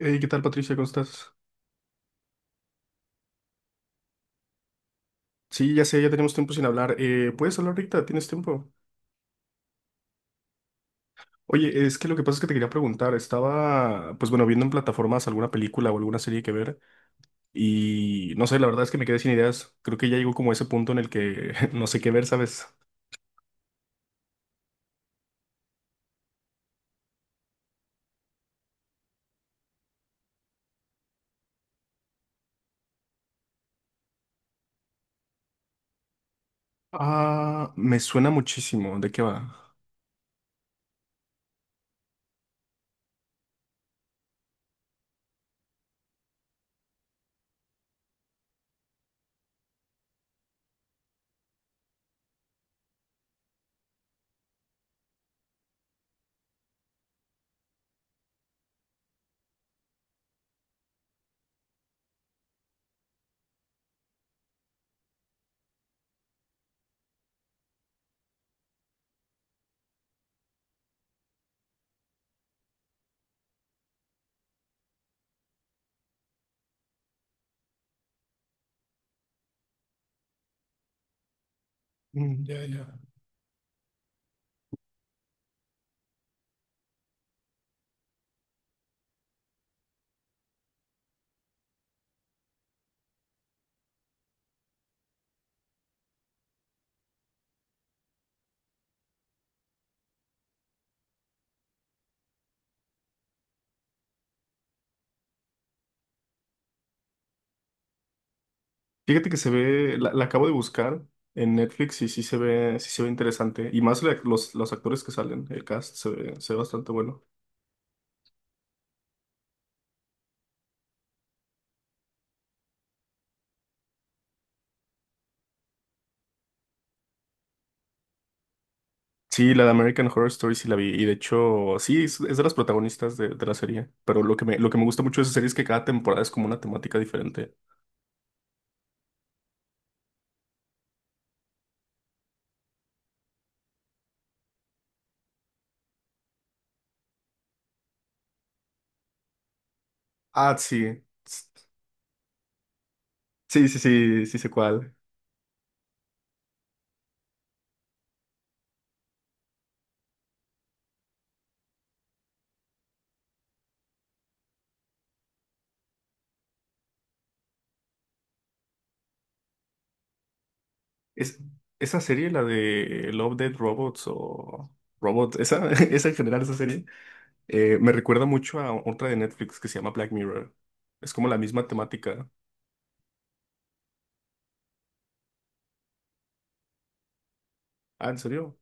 Hey, ¿qué tal, Patricia? ¿Cómo estás? Sí, ya sé, ya tenemos tiempo sin hablar. ¿Puedes hablar ahorita? ¿Tienes tiempo? Oye, es que lo que pasa es que te quería preguntar. Estaba, pues bueno, viendo en plataformas alguna película o alguna serie que ver y no sé, la verdad es que me quedé sin ideas. Creo que ya llegó como a ese punto en el que no sé qué ver, ¿sabes? Ah, me suena muchísimo. ¿De qué va? Mm, ya, ya. Fíjate que se ve, la acabo de buscar en Netflix y sí se ve interesante. Y más los actores que salen, el cast se ve bastante bueno. Sí, la de American Horror Story sí la vi. Y de hecho, sí, es de las protagonistas de la serie. Pero lo que me gusta mucho de esa serie es que cada temporada es como una temática diferente. Ah, sí. S- Sí, sí, sí, sí sé cuál. Es, esa serie, la de Love, Dead Robots o Robots, esa, esa en general, esa serie, me recuerda mucho a otra de Netflix que se llama Black Mirror. Es como la misma temática. Ah, ¿en serio?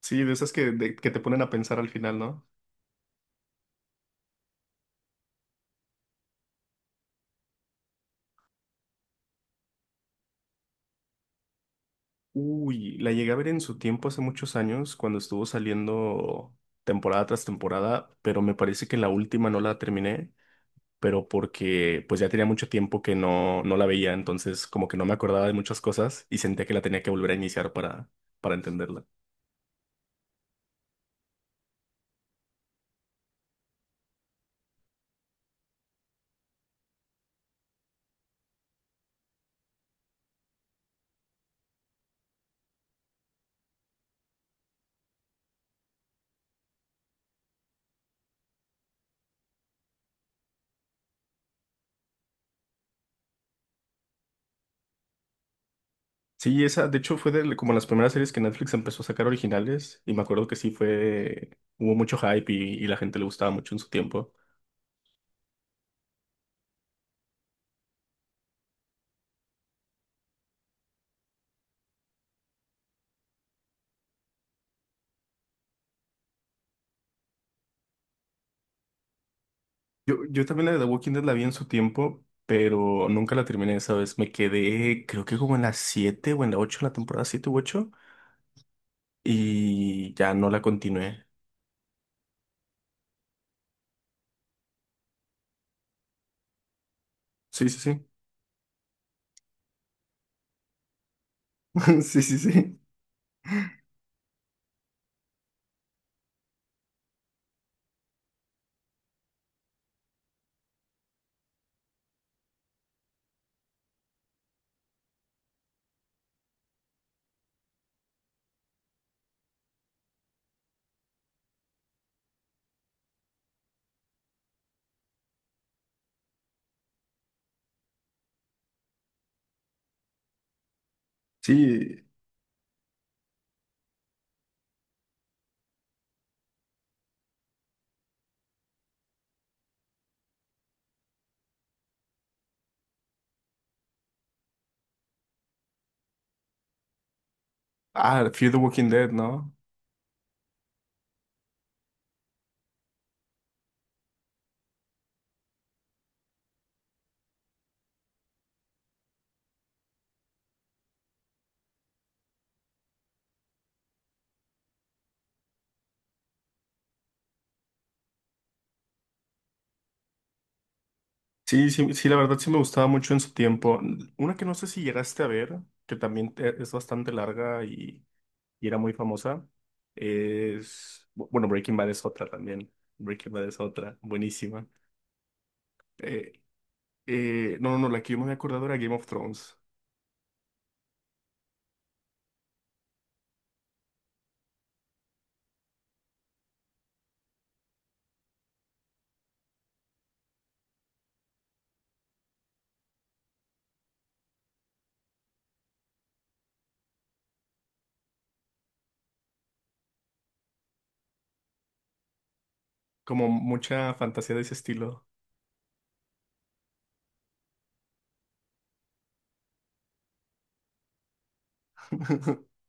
Sí, de esas que, que te ponen a pensar al final, ¿no? Uy, la llegué a ver en su tiempo hace muchos años, cuando estuvo saliendo temporada tras temporada, pero me parece que la última no la terminé, pero porque pues ya tenía mucho tiempo que no, no la veía, entonces como que no me acordaba de muchas cosas y sentía que la tenía que volver a iniciar para entenderla. Sí, esa de hecho fue de, como las primeras series que Netflix empezó a sacar originales y me acuerdo que sí fue, hubo mucho hype y la gente le gustaba mucho en su tiempo. Yo también la de The Walking Dead la vi en su tiempo, pero nunca la terminé esa vez. Me quedé, creo que como en la siete o en la ocho en la temporada 7 u 8 y ya no la continué. Sí, sí, sí. Sí, sí, sí. Sí. Ah, Fear the Walking Dead, ¿no? Sí, sí, sí, la verdad sí me gustaba mucho en su tiempo. Una que no sé si llegaste a ver, que también es bastante larga y era muy famosa, es... Bueno, Breaking Bad es otra también. Breaking Bad es otra, buenísima. Eh, no, no, no, la que yo me había acordado era Game of Thrones. Como mucha fantasía de ese estilo.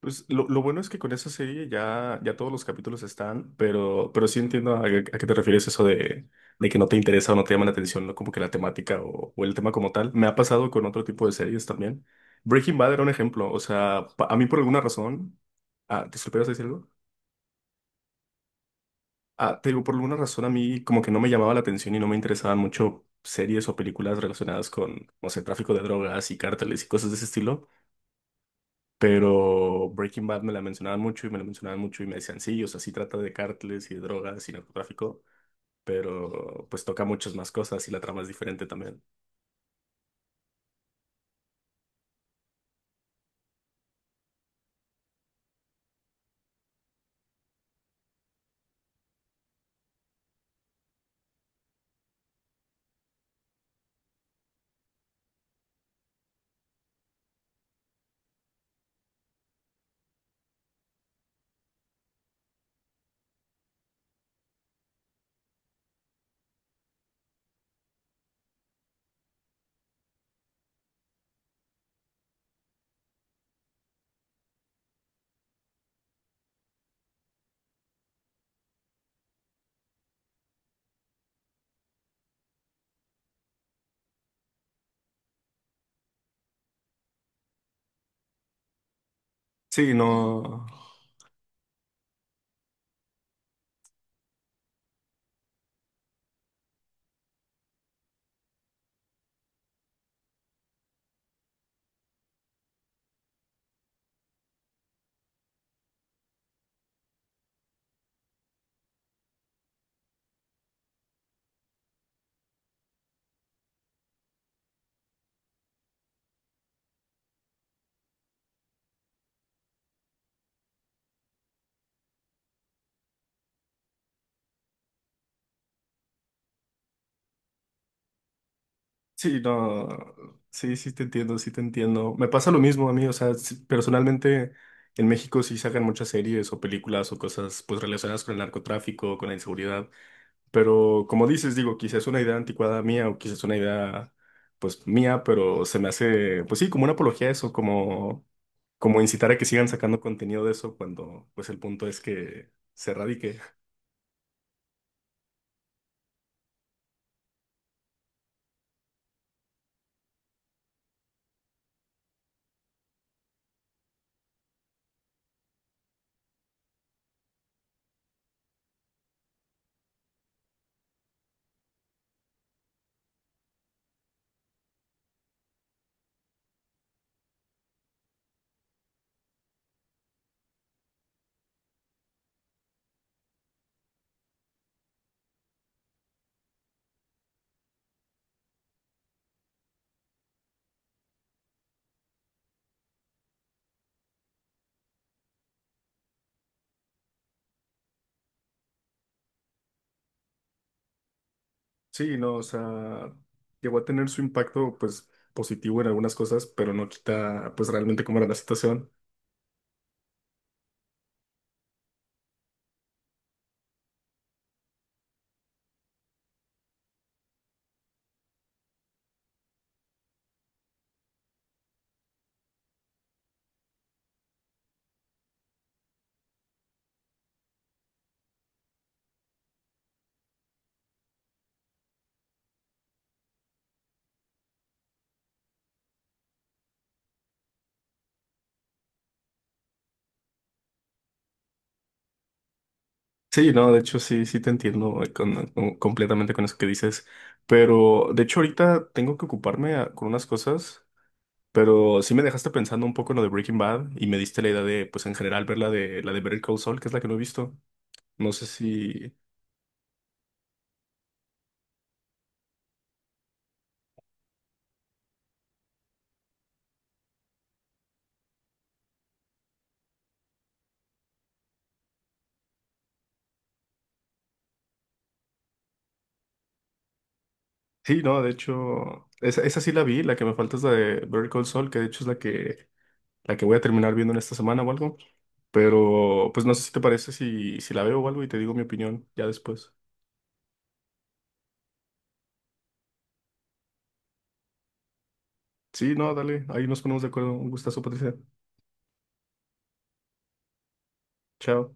Pues lo bueno es que con esa serie ya, ya todos los capítulos están, pero sí entiendo a qué te refieres eso de que no te interesa o no te llama la atención, ¿no? Como que la temática o el tema como tal. Me ha pasado con otro tipo de series también. Breaking Bad era un ejemplo. O sea, a mí por alguna razón. Ah, ¿te esperas decir algo? Ah, te digo, por alguna razón a mí como que no me llamaba la atención y no me interesaban mucho series o películas relacionadas con, no sé, tráfico de drogas y cárteles y cosas de ese estilo, pero Breaking Bad me la mencionaban mucho y me la mencionaban mucho y me decían, sí, o sea, sí trata de cárteles y de drogas y narcotráfico, pero pues toca muchas más cosas y la trama es diferente también. Sí, no. Sí, no, sí, sí te entiendo, sí te entiendo. Me pasa lo mismo a mí, o sea, sí, personalmente en México sí sacan muchas series o películas o cosas pues relacionadas con el narcotráfico, con la inseguridad, pero como dices, digo, quizás es una idea anticuada mía o quizás es una idea pues mía, pero se me hace pues sí, como una apología a eso, como incitar a que sigan sacando contenido de eso cuando pues el punto es que se erradique. Sí, no, o sea, llegó a tener su impacto, pues, positivo en algunas cosas, pero no quita, pues, realmente cómo era la situación. Sí, no, de hecho, sí, sí te entiendo completamente con eso que dices, pero, de hecho, ahorita tengo que ocuparme con unas cosas, pero sí me dejaste pensando un poco en lo de Breaking Bad y me diste la idea de, pues, en general, ver la de Better Call Saul, que es la que no he visto. No sé si... Sí, no, de hecho, esa sí la vi, la que me falta es la de Better Call Saul, que de hecho es la que voy a terminar viendo en esta semana o algo. Pero pues no sé si te parece si, si la veo o algo y te digo mi opinión ya después. Sí, no, dale, ahí nos ponemos de acuerdo. Un gustazo, Patricia. Chao.